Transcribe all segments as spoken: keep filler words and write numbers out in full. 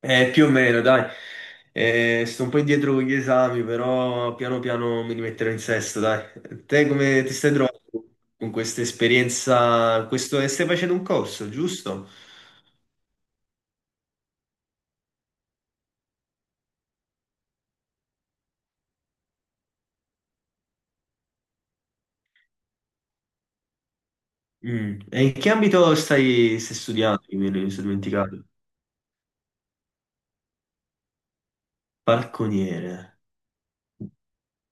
Eh, più o meno, dai. Eh, sto un po' indietro con gli esami, però piano piano mi rimetterò in sesto, dai. Te come ti stai trovando con questa esperienza? Questo, eh, stai facendo un corso, giusto? Mm. E in che ambito stai, stai studiando? Che Mi mi sono dimenticato. Balconiere.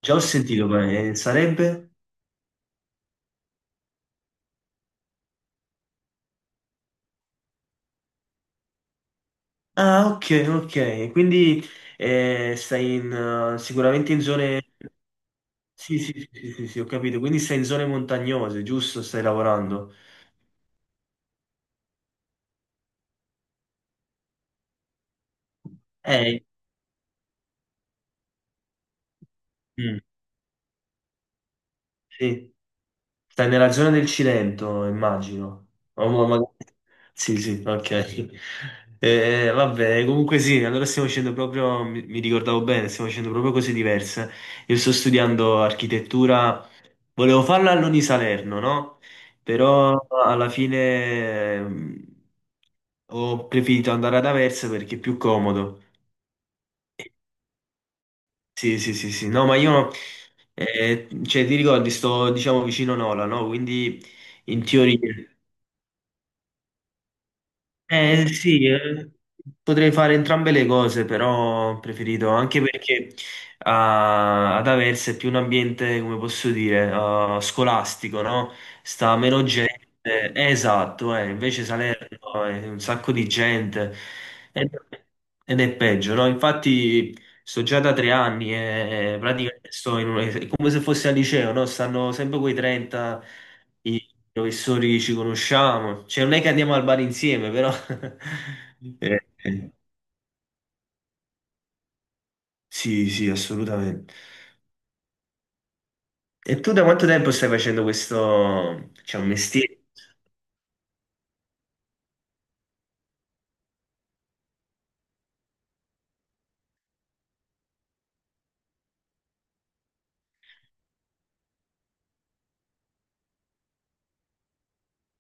Già ho sentito, ma, eh, sarebbe? Ah, ok, ok. Quindi eh, stai in, eh, sicuramente in zone. Sì, sì, sì, sì, sì, sì, ho capito. Quindi sei in zone montagnose, giusto? Stai lavorando. Eh, mm, sì. Stai nella zona del Cilento, immagino. O ma- ma- Sì, sì, ok. Eh, eh, vabbè, comunque sì, allora stiamo facendo proprio, mi, mi ricordavo bene, stiamo facendo proprio cose diverse. Io sto studiando architettura, volevo farla all'Uni Salerno, no? Però alla fine ehm, ho preferito andare ad Aversa perché è più comodo. Sì, sì, sì, sì. No, ma io, eh, cioè, ti ricordi, sto, diciamo, vicino Nola, no? Quindi, in teoria, eh, sì, eh, potrei fare entrambe le cose, però ho preferito, anche perché ah, ad Aversa è più un ambiente, come posso dire, ah, scolastico, no? Sta meno gente. Eh, esatto, eh, invece Salerno è un sacco di gente ed ed è peggio, no? Infatti sto già da tre anni e praticamente sto in un- è come se fossi al liceo, no? Stanno sempre quei trenta i professori che ci conosciamo. Cioè, non è che andiamo al bar insieme, però. Eh, eh. Sì, sì, assolutamente. E tu da quanto tempo stai facendo questo, cioè, un mestiere?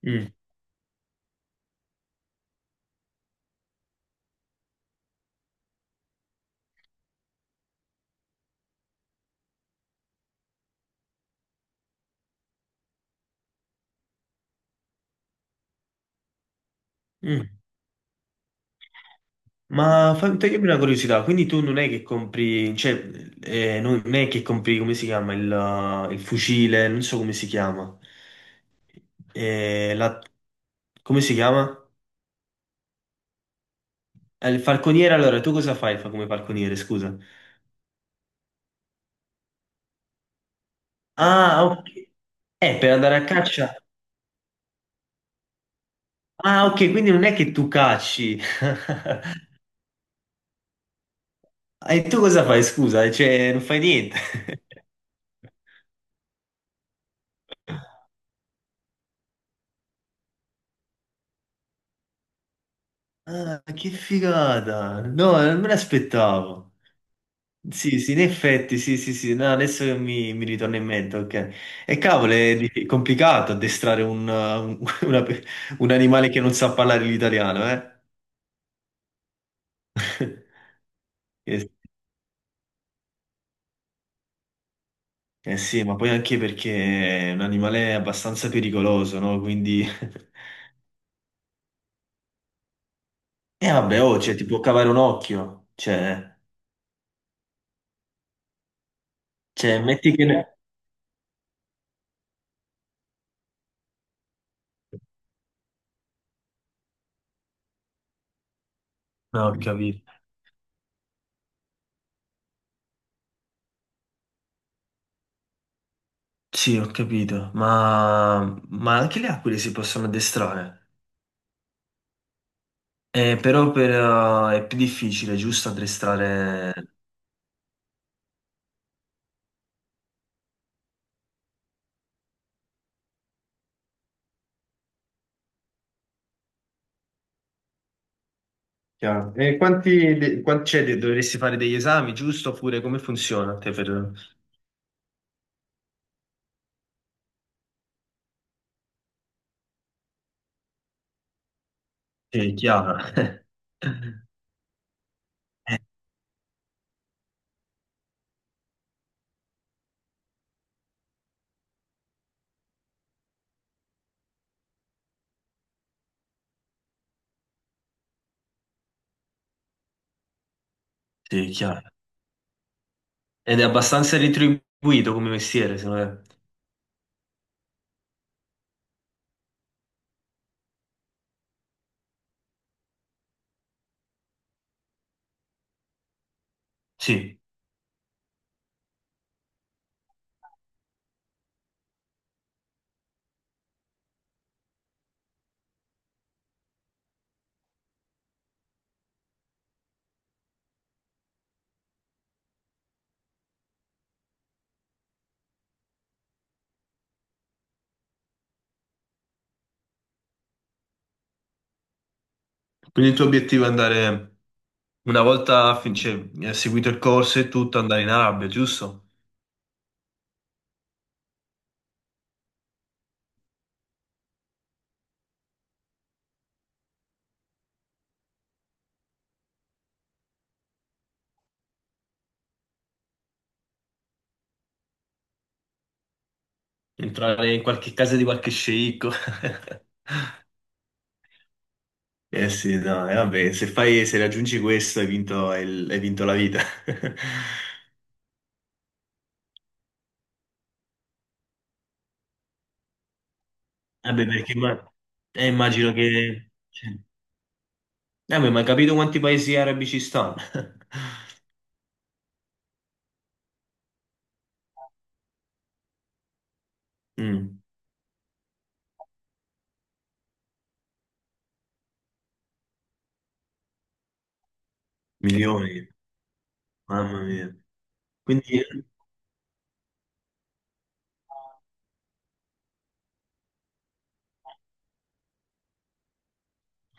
Mm, mm. Ma fammi togliermi una curiosità, quindi tu non è che compri, cioè, eh, non non è che compri, come si chiama, il, uh, il fucile, non so come si chiama. Eh, la, come si chiama? Eh, Il falconiere, allora, tu cosa fai fa come falconiere, scusa? Ah, ok, eh, per andare a caccia, ah, ok, quindi non è che tu cacci, e tu cosa fai, scusa, cioè, non fai niente. Ah, che figata, no, non me l'aspettavo. Sì, sì, in effetti, sì, sì, sì, no, adesso che mi, mi ritorna in mente, ok. E cavolo, è dif- complicato addestrare un, uh, un- una pe- un animale che non sa parlare l'italiano, eh? Eh, eh sì, ma poi anche perché è un animale abbastanza pericoloso, no? Quindi. E vabbè, oh, cioè, ti può cavare un occhio, cioè, cioè, metti che. ne- No, ho capito. Sì, ho capito, ma, ma anche le aquile si possono addestrare. Eh, però per, eh, è più difficile, giusto, addestrare. Chiaro. E quanti, de- quanti c'è? de- Dovresti fare degli esami, giusto? Oppure come funziona? Te per. Sì, è chiaro. Eh, sì, è chiaro. Ed è abbastanza ritribuito come mestiere, secondo me. Sì. Quindi il tuo obiettivo è andare, una volta fin- cioè, eh, seguito il corso e tutto, andare in Arabia, giusto? Entrare in qualche casa di qualche sceicco. Eh sì, no, e vabbè, se fai, se raggiungi questo hai vinto, hai, hai vinto la vita. Vabbè, perché ma- eh, immagino che. Cioè, eh, beh, ma hai capito quanti paesi arabi ci stanno? Mm, milioni, mamma mia. Quindi,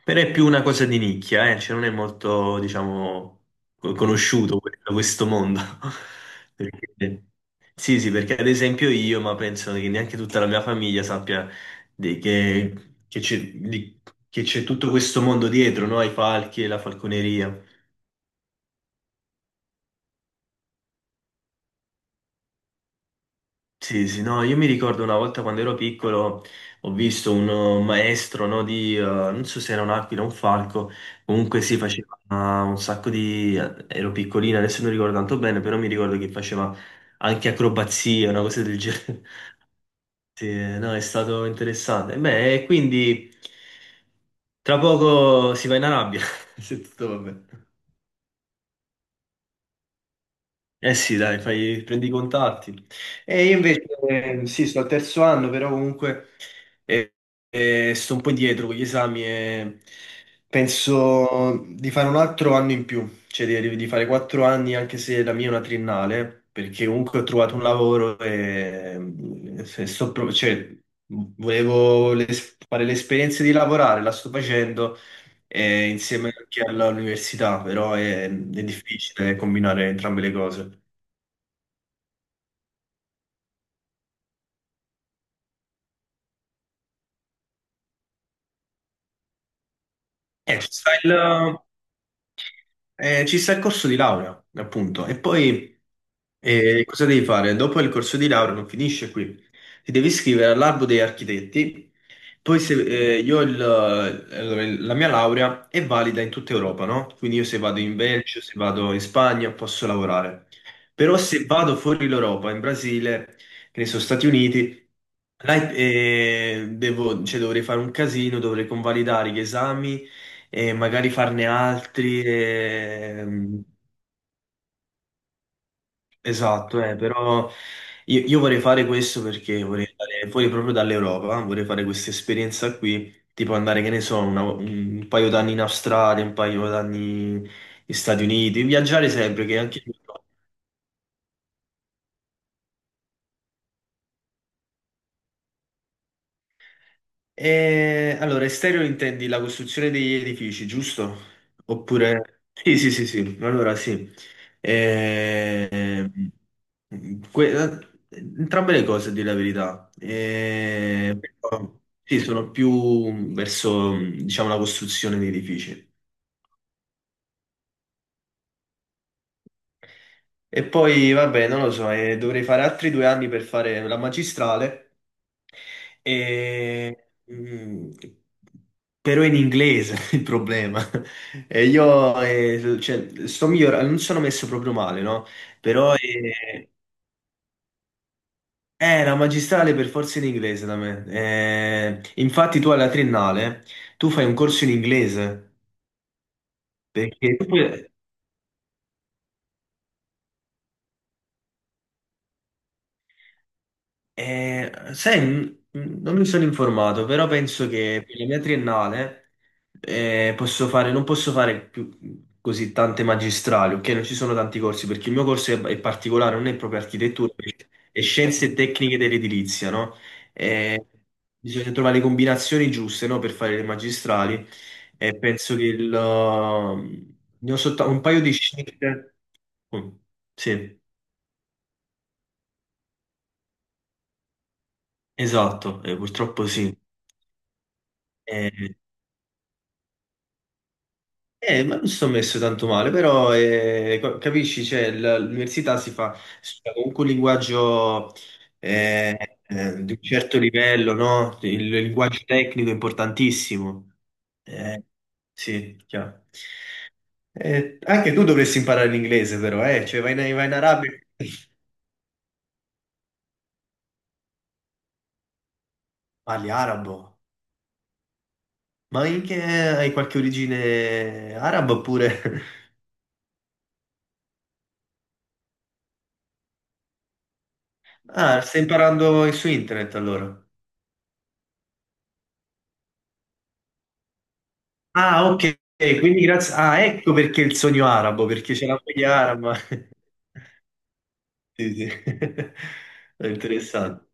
però è più una cosa di nicchia, eh? Cioè non è molto, diciamo, co- conosciuto questo, questo mondo. Perché- Sì, sì, perché ad esempio io, ma penso che neanche tutta la mia famiglia sappia di- che che c'è di- che c'è tutto questo mondo dietro, no? Ai falchi e la falconeria. Sì, sì, no, io mi ricordo una volta quando ero piccolo ho visto un eh, maestro, no, di, eh, non so se era un'aquila o un falco, comunque si faceva eh, un sacco di. Ero piccolina, adesso non ricordo tanto bene, però mi ricordo che faceva anche acrobazie, una cosa del genere. Sì, no, è stato interessante. Beh, e quindi tra poco si va in Arabia, se tutto va bene. Eh sì, dai, fai- prendi i contatti. E io invece, eh, sì, sto al terzo anno, però comunque eh, eh, sto un po' indietro con gli esami e penso di fare un altro anno in più, cioè di, di fare quattro anni anche se la mia è una triennale, perché comunque ho trovato un lavoro e, mm, se sto pro- cioè, volevo l'es- fare l'esperienza di lavorare, la sto facendo eh, insieme anche all'università, però è, è difficile combinare entrambe le cose. Eh, ci sta il, eh, ci sta il corso di laurea, appunto. E poi eh, cosa devi fare? Dopo il corso di laurea non finisce qui. Ti devi iscrivere all'albo degli architetti. Poi se, eh, io il- allora, il- la mia laurea è valida in tutta Europa, no? Quindi io se vado in Belgio, se vado in Spagna posso lavorare. Però se vado fuori l'Europa, in Brasile, che ne so, Stati Uniti, là, eh, devo- cioè, dovrei fare un casino, dovrei convalidare gli esami e magari farne altri. ehm. Esatto, eh, però io, io vorrei fare questo perché vorrei andare fuori proprio dall'Europa, vorrei fare questa esperienza qui, tipo andare, che ne so, una- un paio d'anni in Australia, un paio d'anni negli Stati Uniti, viaggiare sempre, che anche io. E, allora, estereo intendi la costruzione degli edifici, giusto? Sì. Oppure. Sì, sì, sì, sì, allora sì. Ehm, que- eh, entrambe le cose, a dire la verità. Ehm, però, sì, sono più verso, diciamo, la costruzione di edifici. E poi, vabbè, non lo so, eh, dovrei fare altri due anni per fare la magistrale, e, mm, però in inglese il problema. E io eh, cioè, sto migliorando, non sono messo proprio male, no? Però eh, eh, la magistrale per forza in inglese da me. Eh, infatti tu alla triennale, tu fai un corso in inglese, perché tu puoi- Eh, sai, n- non mi sono informato, però penso che per la mia triennale eh, posso fare, non posso fare più così tante magistrali, ok? Non ci sono tanti corsi, perché il mio corso è, è particolare, non è proprio architettura, è scienze e tecniche dell'edilizia, no? Eh, bisogna trovare le combinazioni giuste, no, per fare le magistrali e penso che il, uh, ne ho soltanto un paio di scelte. Mm, sì, esatto, eh, purtroppo sì. Eh, eh, ma non ci sono messo tanto male, però eh, co- capisci, cioè, l- l'università si fa si fa comunque un linguaggio eh, eh, di un certo livello, no? Il linguaggio tecnico è importantissimo. Eh, sì, chiaro. Eh, anche tu dovresti imparare l'inglese, però, eh? Cioè, vai in, vai in Arabia e parli arabo. Ma in che hai qualche origine araba oppure? Ah, stai imparando su internet allora? Ah, ok, quindi grazie. Ah, ecco perché il sogno arabo, perché c'è la moglie araba. Sì, sì. È interessante.